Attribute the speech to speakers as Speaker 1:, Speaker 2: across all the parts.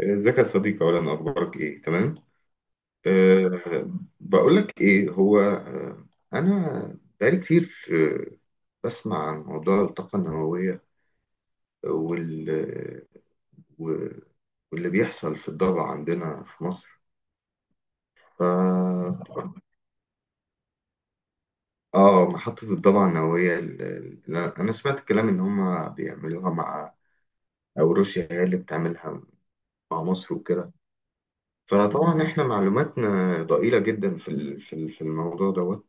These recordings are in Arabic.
Speaker 1: ازيك يا صديقي، اولا اخبارك ايه؟ تمام. أه. بقول لك ايه هو. انا بقالي كتير، بسمع عن موضوع الطاقه النوويه وال و- واللي بيحصل في الضبع عندنا في مصر. ف اه محطه الضبع النوويه. انا سمعت الكلام ان هم بيعملوها مع، او روسيا هي اللي بتعملها مع مصر وكده. فطبعا احنا معلوماتنا ضئيله جدا في الموضوع دوت.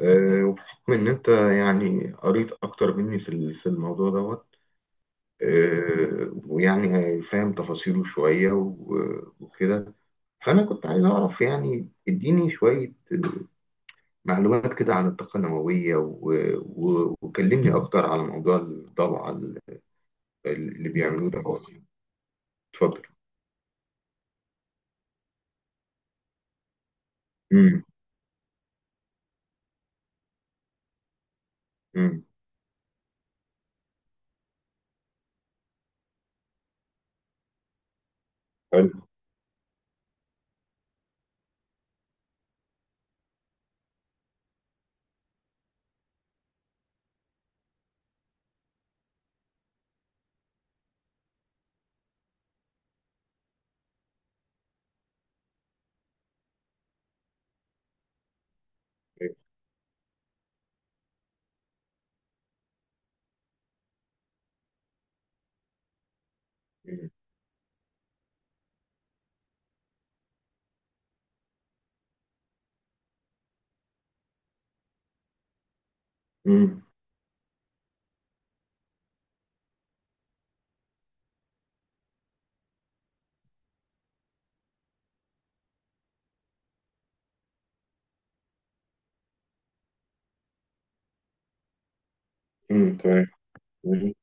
Speaker 1: وبحكم إن أنت يعني قريت أكتر مني في الموضوع دوت. ويعني فاهم تفاصيله شوية وكده. فأنا كنت عايز أعرف، يعني اديني شوية آه، معلومات كده عن الطاقة النووية، وكلمني أكتر على موضوع الضبعة اللي بيعملوه ده أصلا. اتفضل. امم. امم. حلو. امم. امم. امم. تمام. امم.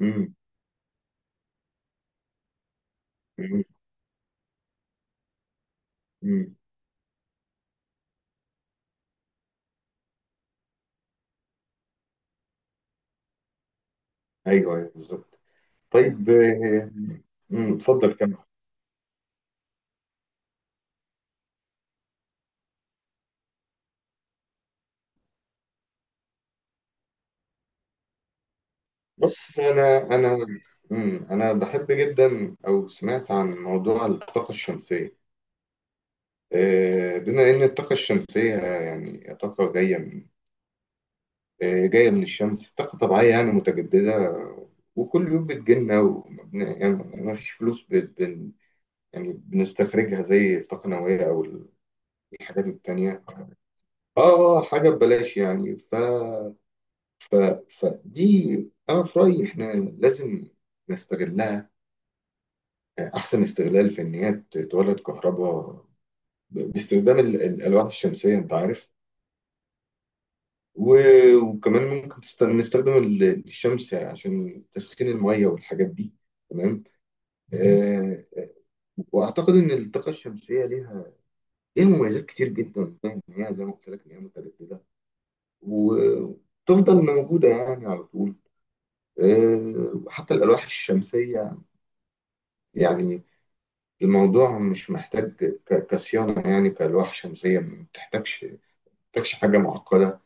Speaker 1: امم. امم. أيوه، أيوه بالظبط. طيب. اتفضل كمل. بص، انا. انا بحب جدا، او سمعت عن موضوع الطاقه الشمسيه. بما ان الطاقه الشمسيه يعني طاقه جايه من آه، جايه من الشمس، طاقه طبيعيه يعني متجدده. وكل يوم بتجيلنا. يعني ما فيش فلوس. بت- بن يعني بنستخرجها زي الطاقه النوويه او الحاجات التانيه، اه. حاجه ببلاش يعني. ف... فدي، أنا في رأيي إحنا لازم نستغلها أحسن استغلال، في إن هي تولد كهرباء باستخدام الألواح الشمسية، أنت عارف. وكمان ممكن نستخدم الشمس عشان تسخين المية والحاجات دي. تمام. آه وأعتقد إن الطاقة الشمسية ليها مميزات كتير جدا، يعني إن هي زي ما قلت لك إن هي متجددة وتفضل موجودة يعني على طول. وحتى الألواح الشمسية، يعني الموضوع مش محتاج كصيانة، يعني كألواح شمسية ما بتحتاجش حاجة معقدة،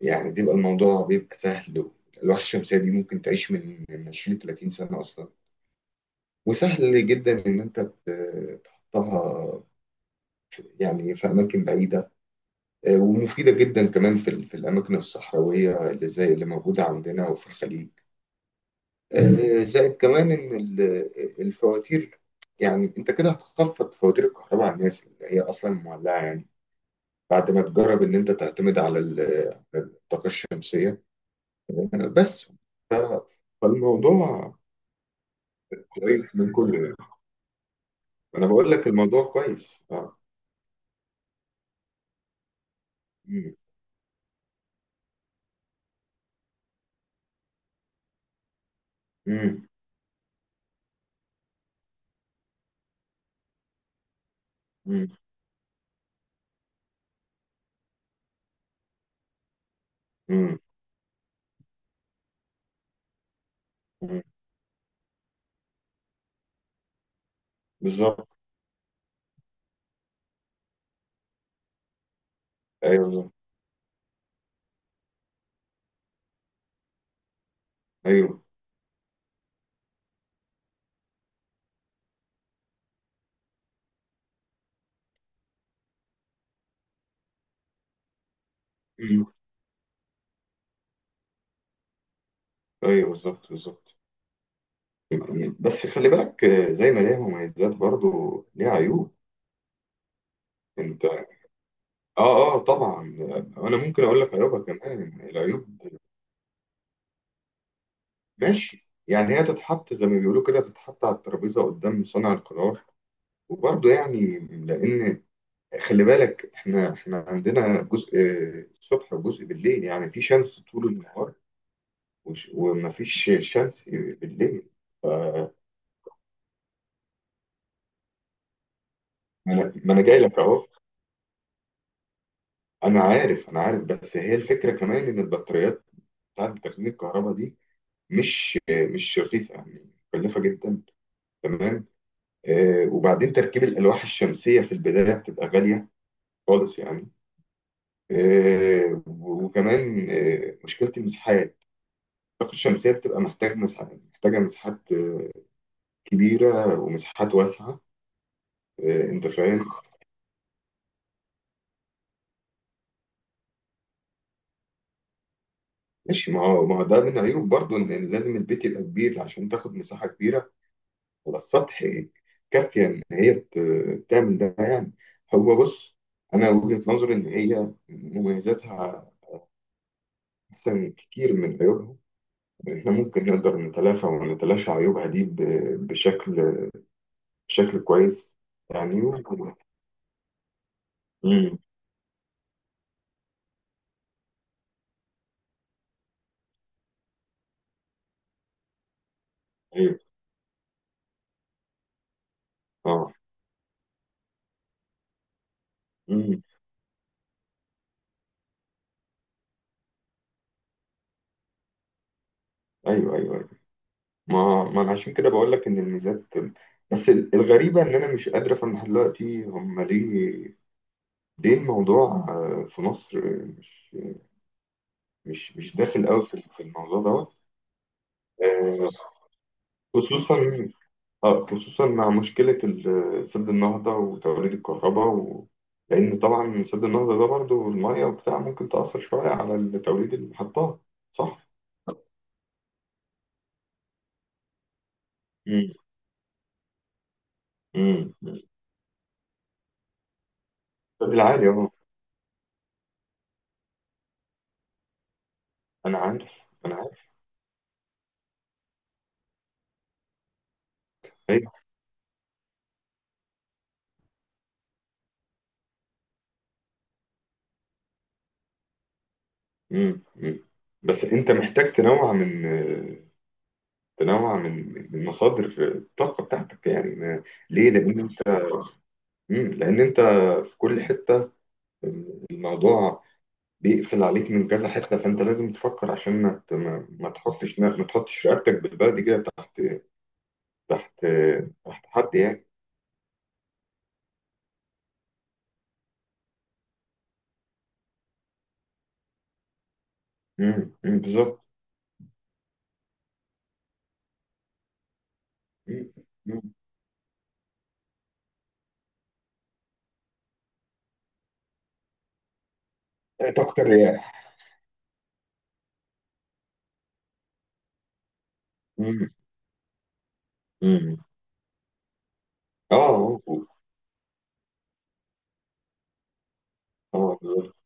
Speaker 1: يعني بيبقى الموضوع بيبقى سهل. الألواح الشمسية دي ممكن تعيش من 20 30 سنة أصلا. وسهل جدا إن أنت تحطها يعني في أماكن بعيدة. ومفيدة جدا كمان في الأماكن الصحراوية اللي زي اللي موجودة عندنا وفي الخليج. زائد كمان إن الفواتير، يعني أنت كده هتخفض فواتير الكهرباء على الناس اللي هي أصلا معلقة، يعني بعد ما تجرب ان انت تعتمد على الطاقه الشمسيه بس. ف- فالموضوع كويس من كله يعني. انا بقول لك الموضوع كويس، اه. مم. مم. مم. مم. مم. بالظبط. ايوه، بالظبط. ايوه. مم. ايوه، بالظبط، بالظبط. يعني بس خلي بالك، زي ما ليها مميزات، برضو ليها عيوب. انت. اه، اه، طبعا. انا ممكن اقول لك عيوبها كمان. العيوب، ماشي يعني، هي تتحط زي ما بيقولوا كده، تتحط على الترابيزه قدام صانع القرار. وبرضه يعني، لان خلي بالك احنا عندنا جزء الصبح وجزء بالليل. يعني في شمس طول النهار ومفيش شمس بالليل. ف- ما أنا جاي لك اهو. انا عارف، انا عارف. بس هي الفكره كمان ان البطاريات بتاعت تخزين الكهرباء دي مش رخيصه، يعني مكلفه جدا. تمام. وبعدين تركيب الالواح الشمسيه في البدايه بتبقى غاليه خالص يعني. وكمان، مشكلة المساحات. الطاقة الشمسية بتبقى محتاج مساحات، محتاجة مساحات كبيرة، ومساحات واسعة. أنت فاهم؟ ماشي. ما هو، ما هو ده من عيوب برضو، إن لازم البيت يبقى كبير عشان تاخد مساحة كبيرة على السطح كافية إن هي تعمل ده يعني. هو بص، أنا وجهة نظري إن هي مميزاتها أحسن كتير من عيوبها. إحنا ممكن نقدر نتلافى ونتلاشى عيوبها دي بشكل، كويس يعني. امم. ايوه. اه. امم. ايوه، ايوه، ايوه. ما ما انا عشان كده بقول لك ان الميزات. بس الغريبه ان انا مش قادر افهم لحد دلوقتي هم ليه، ليه الموضوع في مصر مش داخل قوي في الموضوع دوت. آه، خصوصا، اه، خصوصا مع مشكله سد النهضه وتوليد الكهرباء. لان طبعا سد النهضه ده برضو الميه وبتاع ممكن تاثر شويه على توليد المحطات، صح؟ امم. بالعادي، اه. انا عارف، انا عارف. ايوه. امم. أمم. بس انت محتاج تنوع من مصادر الطاقه بتاعتك يعني. ليه؟ لان انت. لان انت في كل حته الموضوع بيقفل عليك من كذا حته. فانت لازم تفكر عشان ما ت- ما ما تحطش ما تحطش رقبتك بالبلدي كده تحت، تحت تحت حد يعني. امم. أمم، بالظبط. أمم. أمم. طاقه الرياح. امم. أمم. اه، اه. بالظبط.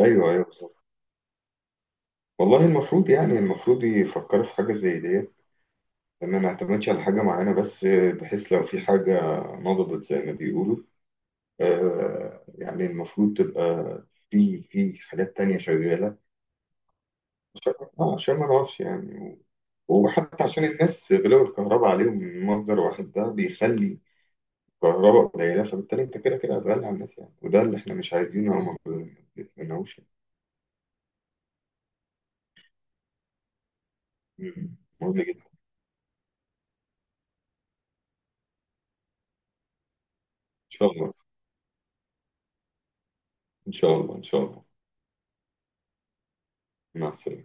Speaker 1: ايوه، ايوه بالظبط. والله، المفروض يعني يفكروا في حاجه زي ديت. ان ما نعتمدش على حاجه معينه بس، بحيث لو في حاجه نضبط زي ما بيقولوا. يعني المفروض تبقى في حاجات تانية شغاله، عشان، عشان ما نقفش يعني. وحتى عشان الناس غلاوه الكهرباء عليهم من مصدر واحد ده بيخلي الكهرباء قليله، فبالتالي انت كده كده هتغلي على الناس يعني. وده اللي احنا مش عايزينه او ما بنتمناهوش يعني. مم. مهم جدا. ان شاء الله، ان شاء الله، ان شاء الله. مع السلامه.